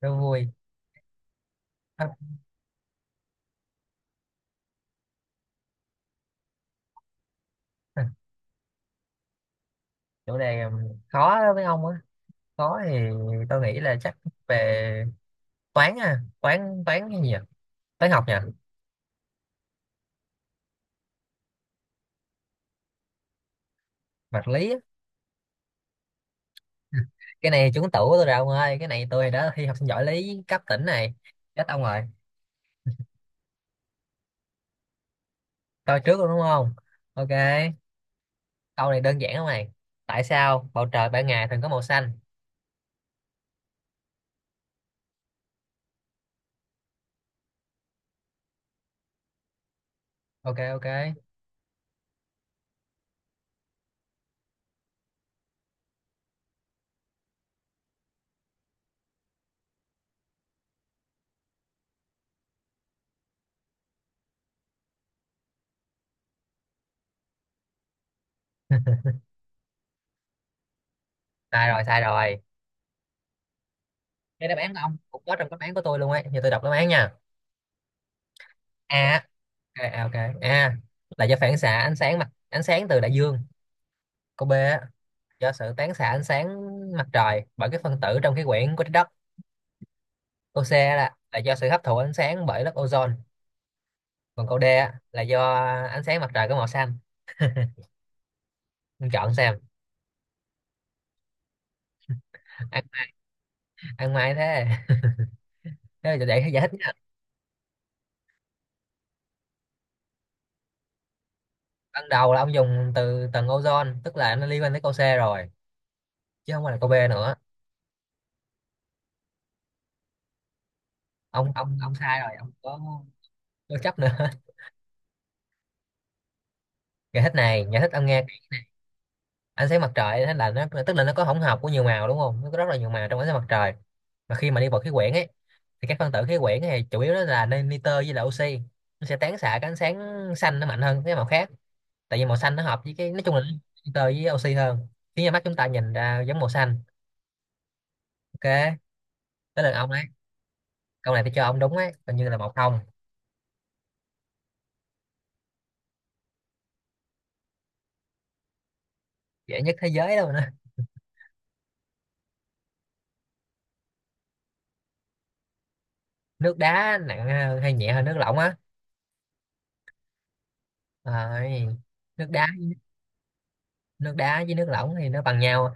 Đố vui. à, à, Chủ đề khó đó với ông á. Khó thì tôi nghĩ là chắc về toán. À toán toán cái gì nhỉ, toán học nhỉ? Vật lý á. Cái này trúng tủ của tôi rồi ông ơi, cái này tôi đã thi học sinh giỏi lý cấp tỉnh này. Chết ông rồi. Tôi trước luôn đúng không? Ok, câu này đơn giản không này. Tại sao bầu trời ban ngày thường có màu xanh? Ok, ok. Sai rồi, sai rồi. Cái đáp án của ông cũng có trong đáp án của tôi luôn ấy, giờ tôi đọc đáp án nha. a ok, ok. A là do phản xạ ánh sáng mặt ánh sáng từ đại dương. Câu B á, do sự tán xạ ánh sáng mặt trời bởi các phân tử trong khí quyển của trái đất. Câu C là do sự hấp thụ ánh sáng bởi lớp ozone. Còn câu D á, là do ánh sáng mặt trời có màu xanh. Ông chọn xem. Ăn, ăn may thế. Thế là để giải thích nha. Ban đầu là ông dùng từ tầng ozone, tức là nó liên quan tới câu C rồi, chứ không phải là câu B nữa. Ông sai rồi, ông có chấp nữa. Giải thích này, giải thích ông nghe. Ánh sáng mặt trời thế là nó, tức là nó có hỗn hợp của nhiều màu đúng không, nó có rất là nhiều màu trong ánh sáng mặt trời. Mà khi mà đi vào khí quyển ấy, thì các phân tử khí quyển này chủ yếu đó là nitơ với là oxy, nó sẽ tán xạ cái ánh sáng xanh nó mạnh hơn cái màu khác. Tại vì màu xanh nó hợp với cái nói chung là nitơ với oxy hơn, khiến cho mắt chúng ta nhìn ra giống màu xanh. Ok, tới lượt ông đấy. Câu này tôi cho ông đúng ấy, coi như là một không. Dễ nhất thế giới đâu nữa? Nước đá nặng hơn hay nhẹ hơn nước lỏng á? Rồi, nước đá, nước đá với nước lỏng thì nó bằng nhau.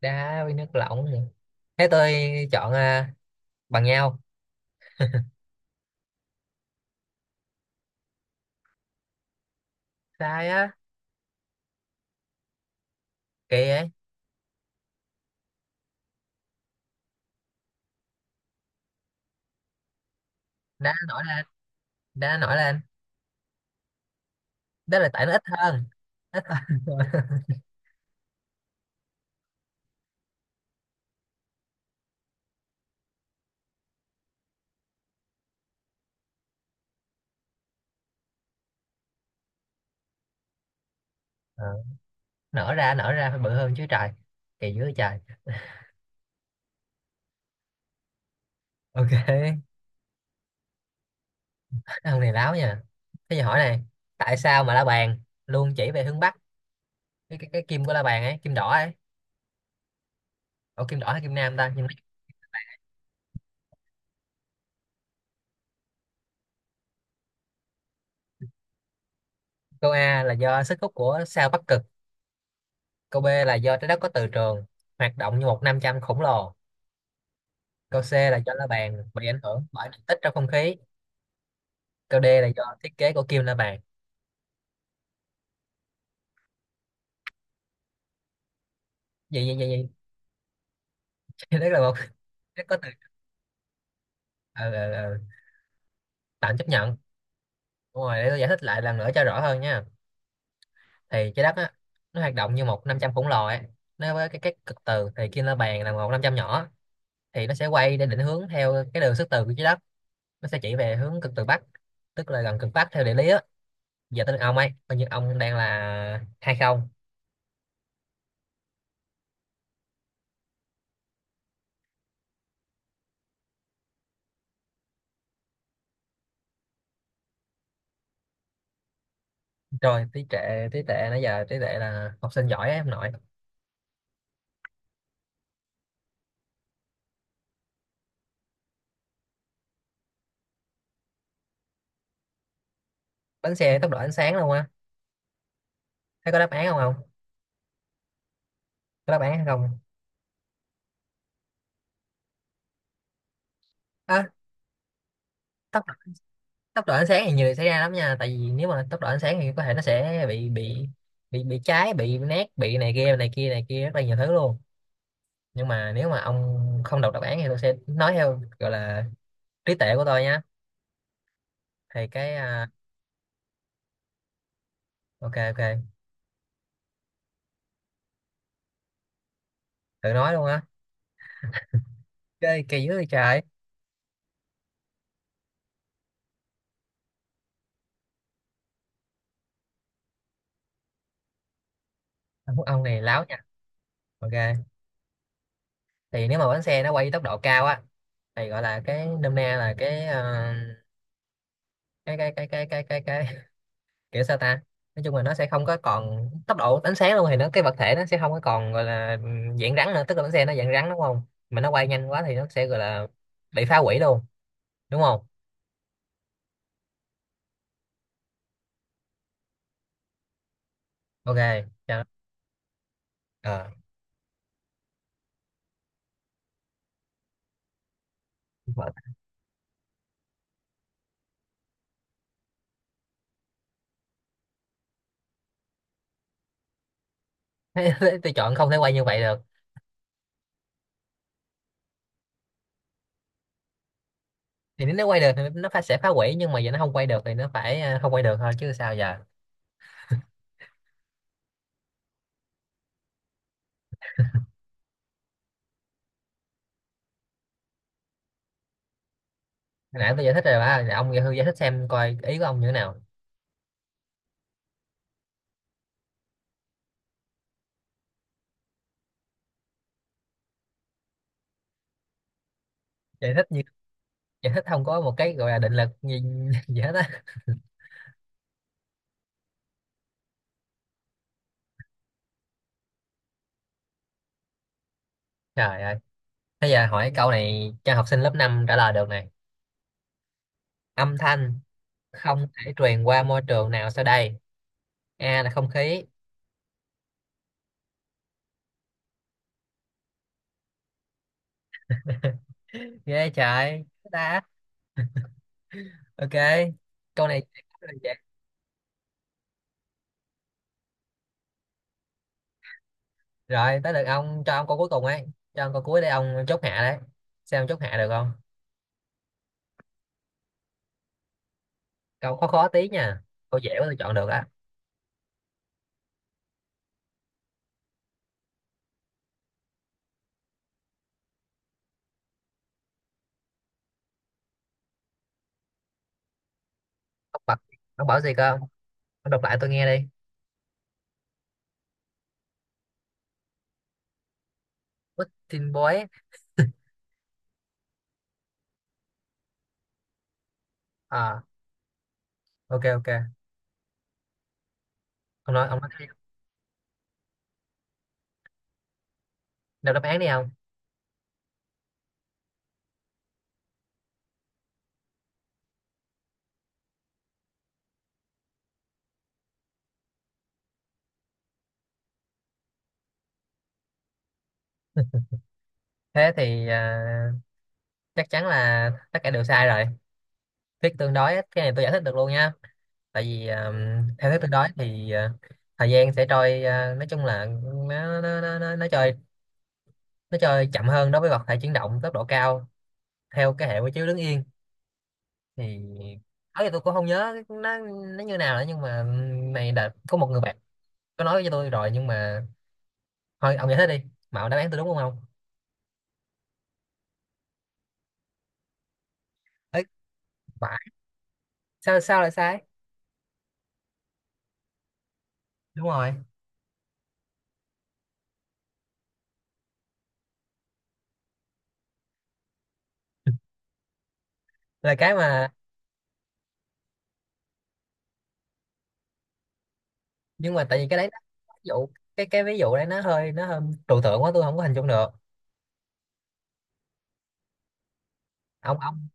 Đá với nước lỏng hả? Thế tôi chọn bằng nhau. Sai á? Kỳ vậy. Đá nổi lên, đá nổi lên. Đó là tại nó ít hơn, ít hơn thôi. Ờ, nở ra, nở ra phải bự hơn chứ trời, kỳ dưới trời. Ok. Ông này láo nha. Thế giờ hỏi này, tại sao mà la bàn luôn chỉ về hướng bắc? Cái kim của la bàn ấy, kim đỏ ấy. Ủa kim đỏ hay kim nam ta, nhưng mà câu A là do sức hút của sao bắc cực, câu B là do trái đất có từ trường hoạt động như một nam châm khổng lồ. Câu C là do la bàn bị ảnh hưởng bởi điện tích trong không khí. Câu D là do thiết kế của kim la bàn. Gì gì gì gì. Đấy là một, nó có từ. ờ, ờ, ờ, Tạm chấp nhận. Đúng rồi, để tôi giải thích lại lần nữa cho rõ hơn nha. Thì trái đất á, nó hoạt động như một 500 khổng lồ ấy. Nó với cái các cực từ thì kim la bàn là một 500 nhỏ, thì nó sẽ quay để định hướng theo cái đường sức từ của trái đất. Nó sẽ chỉ về hướng cực từ bắc, tức là gần cực bắc theo địa lý á. Giờ tới lượt ông ấy, coi như ông đang là hai không. Rồi, tí trệ, tí tệ, nãy giờ tí tệ là học sinh giỏi ấy, ông nội. Bánh xe tốc độ ánh sáng luôn á? Thấy có đáp án không không? Có đáp án hay không? à, Tốc, độ ánh sáng thì nhiều điều xảy ra lắm nha, tại vì nếu mà tốc độ ánh sáng thì có thể nó sẽ bị cháy, bị nát, bị này kia này kia này kia, rất là nhiều thứ luôn. Nhưng mà nếu mà ông không đọc đáp án thì tôi sẽ nói theo gọi là trí tuệ của tôi nhá. Thì cái. Ok, ok. Tự nói luôn á? Chơi kỳ dữ vậy trời. Ông này láo nha. Ok, thì nếu mà bánh xe nó quay tốc độ cao á, thì gọi là cái nôm na là cái. Cái kiểu sao ta, nói chung là nó sẽ không có còn tốc độ ánh sáng luôn, thì nó cái vật thể nó sẽ không có còn gọi là dạng rắn nữa, tức là bánh xe nó dạng rắn đúng không, mà nó quay nhanh quá thì nó sẽ gọi là bị phá hủy luôn đúng không? Ok, cho. Ờ. Tôi chọn không thể quay như vậy được. Thì nếu nó quay được thì nó phải sẽ phá hủy, nhưng mà giờ nó không quay được thì nó phải, không quay được thôi chứ sao giờ. Hồi nãy tôi giải thích rồi ba. Nè, ông giải giải thích xem coi ý của ông như thế nào. Giải thích giải thích không có một cái gọi là định lực gì, gì hết á. Trời ơi, thế giờ hỏi câu này cho học sinh lớp 5 trả lời được nè. Âm thanh không thể truyền qua môi trường nào sau đây, A là không khí. Ghê trời ta. Ok, câu này. Rồi tới lượt ông, cho ông câu cuối cùng ấy, cho ông câu cuối để ông chốt hạ đấy, xem ông chốt hạ được không. Câu khó khó tí nha, câu dễ quá tôi chọn được á. Ông bật, ông bảo gì cơ ông? Ông đọc lại tôi nghe đi. Putin boy. à ok, ok. Ông nói, ông nói đi. Đọc đáp án đi ông. Thế thì, chắc chắn là tất cả đều sai rồi. Thuyết tương đối á, cái này tôi giải thích được luôn nha. Tại vì theo thứ tự đó thì, thời gian sẽ trôi, nói chung là nó trôi, nó trôi chậm hơn đối với vật thể chuyển động tốc độ cao theo cái hệ quy chiếu đứng yên thì ấy. Tôi cũng không nhớ nó như nào nữa, nhưng mà này đợt có một người bạn có nói với tôi rồi, nhưng mà thôi, ông giải thích đi. Mà ông, đáp án tôi đúng không ông? Ấy, phải. Sao sao lại sai? Đúng rồi. Là cái mà, nhưng mà tại vì cái đấy nó, ví dụ, cái ví dụ đấy nó hơi, nó hơi trừu tượng quá tôi không có hình dung được. Ông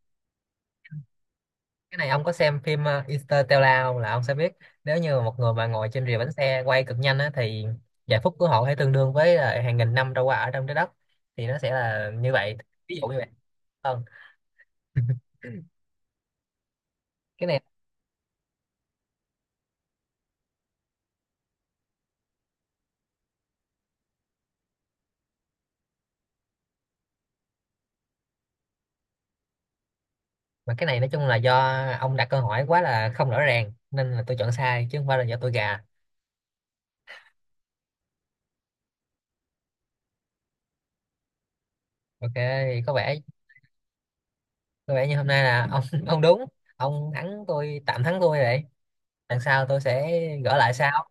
cái này ông có xem phim Interstellar không là ông sẽ biết. Nếu như một người mà ngồi trên rìa bánh xe quay cực nhanh á, thì giây phút của họ có tương đương với là hàng nghìn năm trôi qua ở trong trái đất, thì nó sẽ là như vậy. Ví dụ như vậy hơn. Cái này, mà cái này nói chung là do ông đặt câu hỏi quá là không rõ ràng nên là tôi chọn sai, chứ không phải là do tôi gà. Ok, thì có vẻ, có vẻ như hôm nay là ông ông đúng, ông thắng tôi, tạm thắng tôi rồi, lần sau tôi sẽ gỡ lại sau.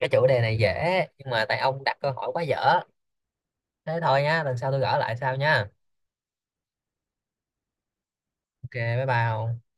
Cái chủ đề này dễ nhưng mà tại ông đặt câu hỏi quá dở. Thế thôi nha, lần sau tôi gỡ lại sau nha. Ok, bye bye.